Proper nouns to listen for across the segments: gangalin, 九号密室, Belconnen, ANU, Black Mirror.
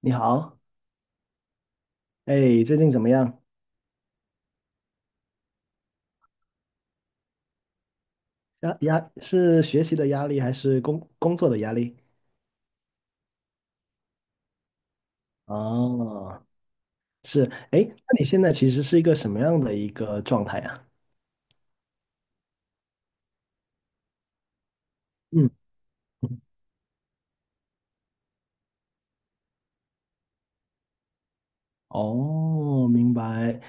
你好。哎，最近怎么样？压是学习的压力还是工作的压力？哦。是。哎，那你现在其实是一个什么样的一个状态啊？嗯。哦，明白。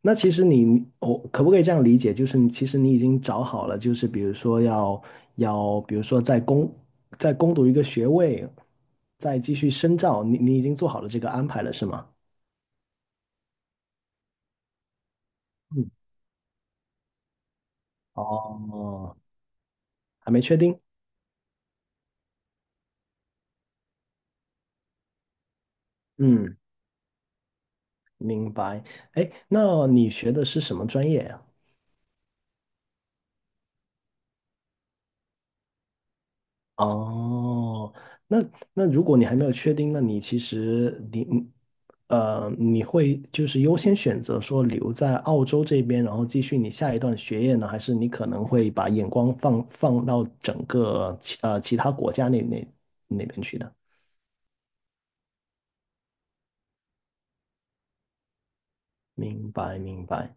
那其实你，我可不可以这样理解？就是你其实你已经找好了，就是比如说比如说在攻读一个学位，再继续深造，你已经做好了这个安排了，是吗？嗯。哦，还没确定。嗯。明白。哎，那你学的是什么专业呀？哦，那那如果你还没有确定，那你其实你你会就是优先选择说留在澳洲这边，然后继续你下一段学业呢，还是你可能会把眼光放到整个其他国家那边去呢？明白明白。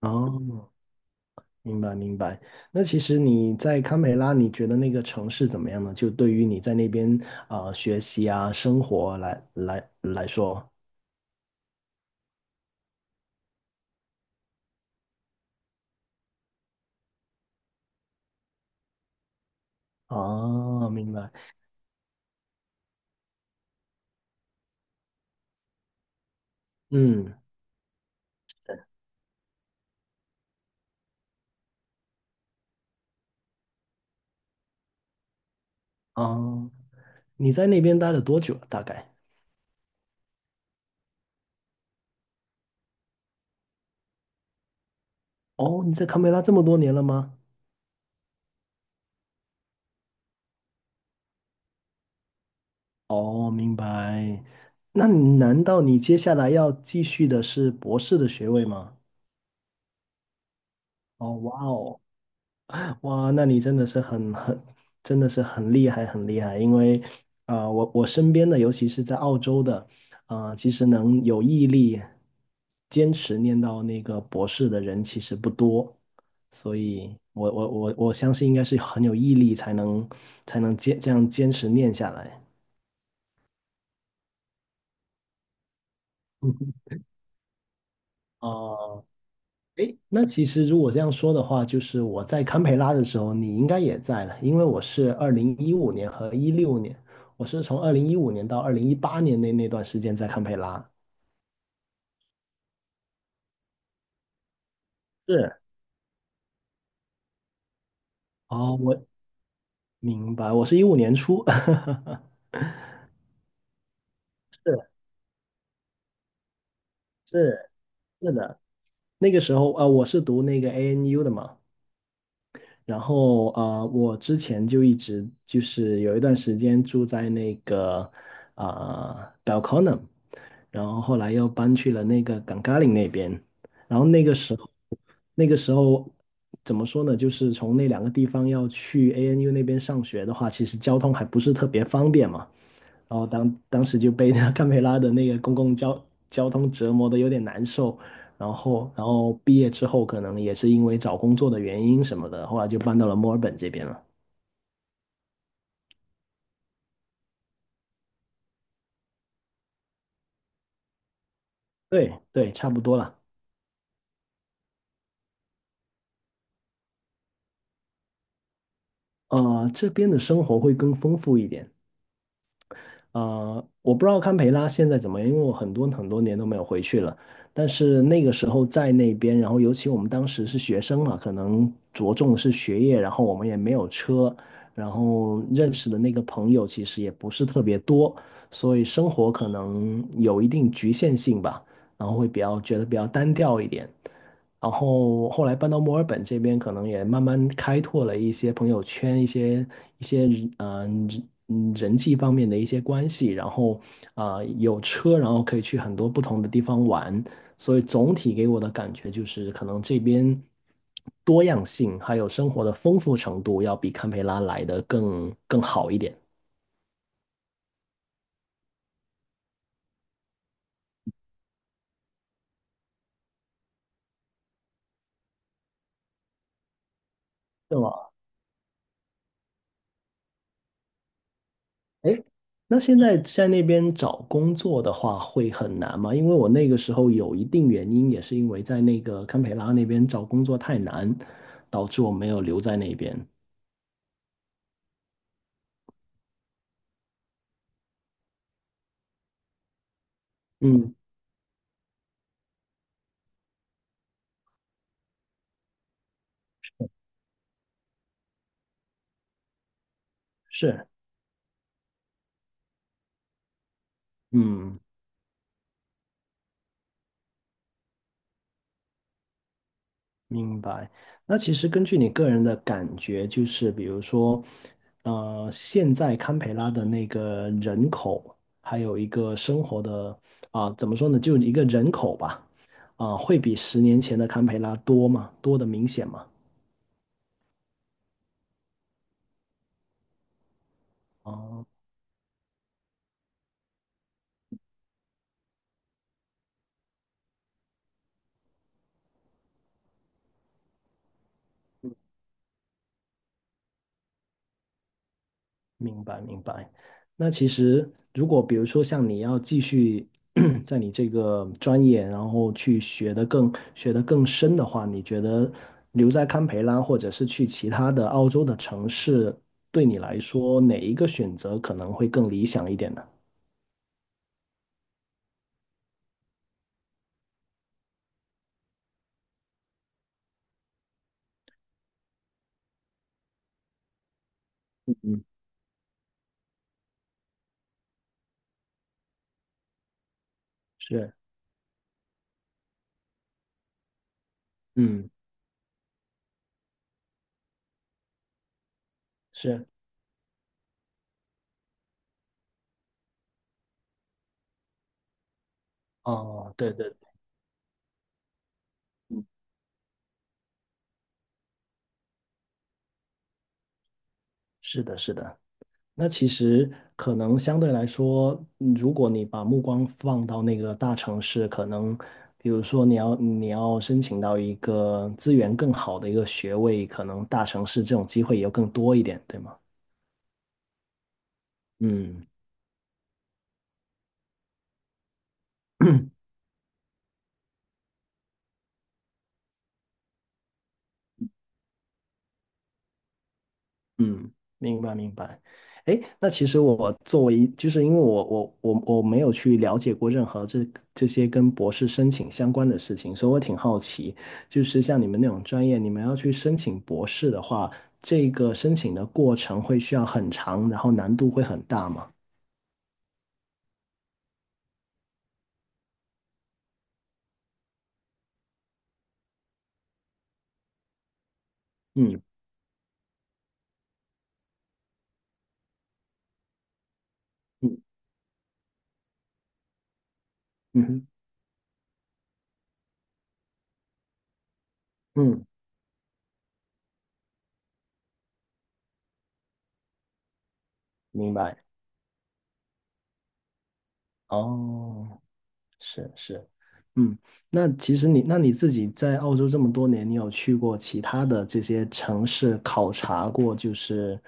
哦，明白明白。那其实你在堪培拉，你觉得那个城市怎么样呢？就对于你在那边啊、学习啊、生活来说，哦，明白。嗯。哦，你在那边待了多久了大概？哦，你在堪培拉这么多年了吗？哦，明白。那难道你接下来要继续的是博士的学位吗？哦，哇哦，哇，那你真的是真的是很厉害，很厉害。因为，啊，我身边的，尤其是在澳洲的，啊，其实能有毅力坚持念到那个博士的人其实不多，所以我相信应该是很有毅力才能才能坚这样坚持念下来。嗯哼。哦。诶，那其实如果这样说的话，就是我在堪培拉的时候，你应该也在了，因为我是二零一五年和一六年，我是从二零一五年到二零一八年那段时间在堪培拉。是。哦，明白，我是一五年初。是是的，那个时候啊，我是读那个 ANU 的嘛，然后我之前就一直就是有一段时间住在那个啊、Belconnen，然后后来又搬去了那个 g a n g a l i n 那边，然后那个时候怎么说呢？就是从那两个地方要去 ANU 那边上学的话，其实交通还不是特别方便嘛。然后当时就被那堪培拉的那个公共交通折磨的有点难受，然后毕业之后可能也是因为找工作的原因什么的，后来就搬到了墨尔本这边了。对对，差不多了。呃，这边的生活会更丰富一点。我不知道堪培拉现在怎么样，因为我很多很多年都没有回去了。但是那个时候在那边，然后尤其我们当时是学生嘛，可能着重的是学业，然后我们也没有车，然后认识的那个朋友其实也不是特别多，所以生活可能有一定局限性吧，然后会比较觉得比较单调一点。然后后来搬到墨尔本这边，可能也慢慢开拓了一些朋友圈，一些人人际方面的一些关系，然后啊、有车，然后可以去很多不同的地方玩，所以总体给我的感觉就是，可能这边多样性还有生活的丰富程度要比堪培拉来的更好一点。诶，那现在在那边找工作的话会很难吗？因为我那个时候有一定原因，也是因为在那个堪培拉那边找工作太难，导致我没有留在那边。嗯。是。嗯。明白。那其实根据你个人的感觉，就是比如说，呃，现在堪培拉的那个人口，还有一个生活的啊、怎么说呢，就一个人口吧，啊、会比十年前的堪培拉多吗？多的明显吗？哦，明白明白。那其实，如果比如说像你要继续 在你这个专业，然后去学的更深的话，你觉得留在堪培拉，或者是去其他的澳洲的城市，对你来说哪一个选择可能会更理想一点呢？嗯。是。嗯。是。哦，对对。是的，是的。那其实可能相对来说，嗯，如果你把目光放到那个大城市，可能比如说你要申请到一个资源更好的一个学位，可能大城市这种机会也更多一点，对吗？嗯。嗯，明白明白。哎，那其实我作为一就是因为我没有去了解过任何这些跟博士申请相关的事情，所以我挺好奇，就是像你们那种专业，你们要去申请博士的话，这个申请的过程会需要很长，然后难度会很大吗？嗯。嗯。嗯哼。嗯，明白。哦。是是。嗯。那其实你，那你自己在澳洲这么多年，你有去过其他的这些城市考察过，就是，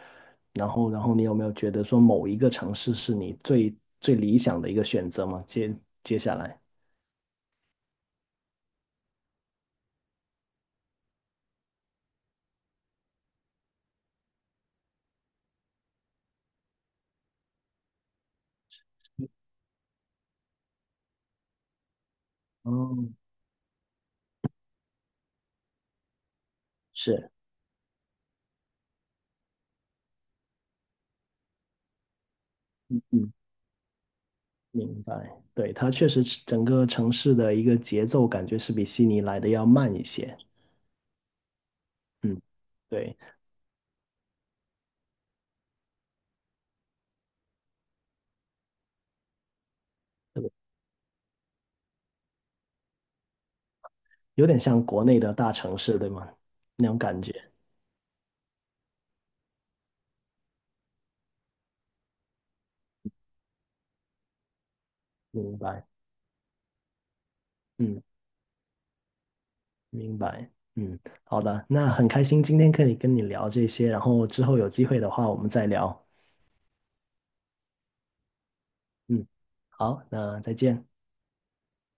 然后，然后你有没有觉得说某一个城市是你最理想的一个选择吗？接下来，哦。是。嗯，明白，对，它确实是整个城市的一个节奏感觉是比悉尼来的要慢一些。嗯。对。有点像国内的大城市，对吗？那种感觉。明白。嗯。明白。嗯。好的，那很开心今天可以跟你聊这些，然后之后有机会的话我们再聊。嗯。好，那再见。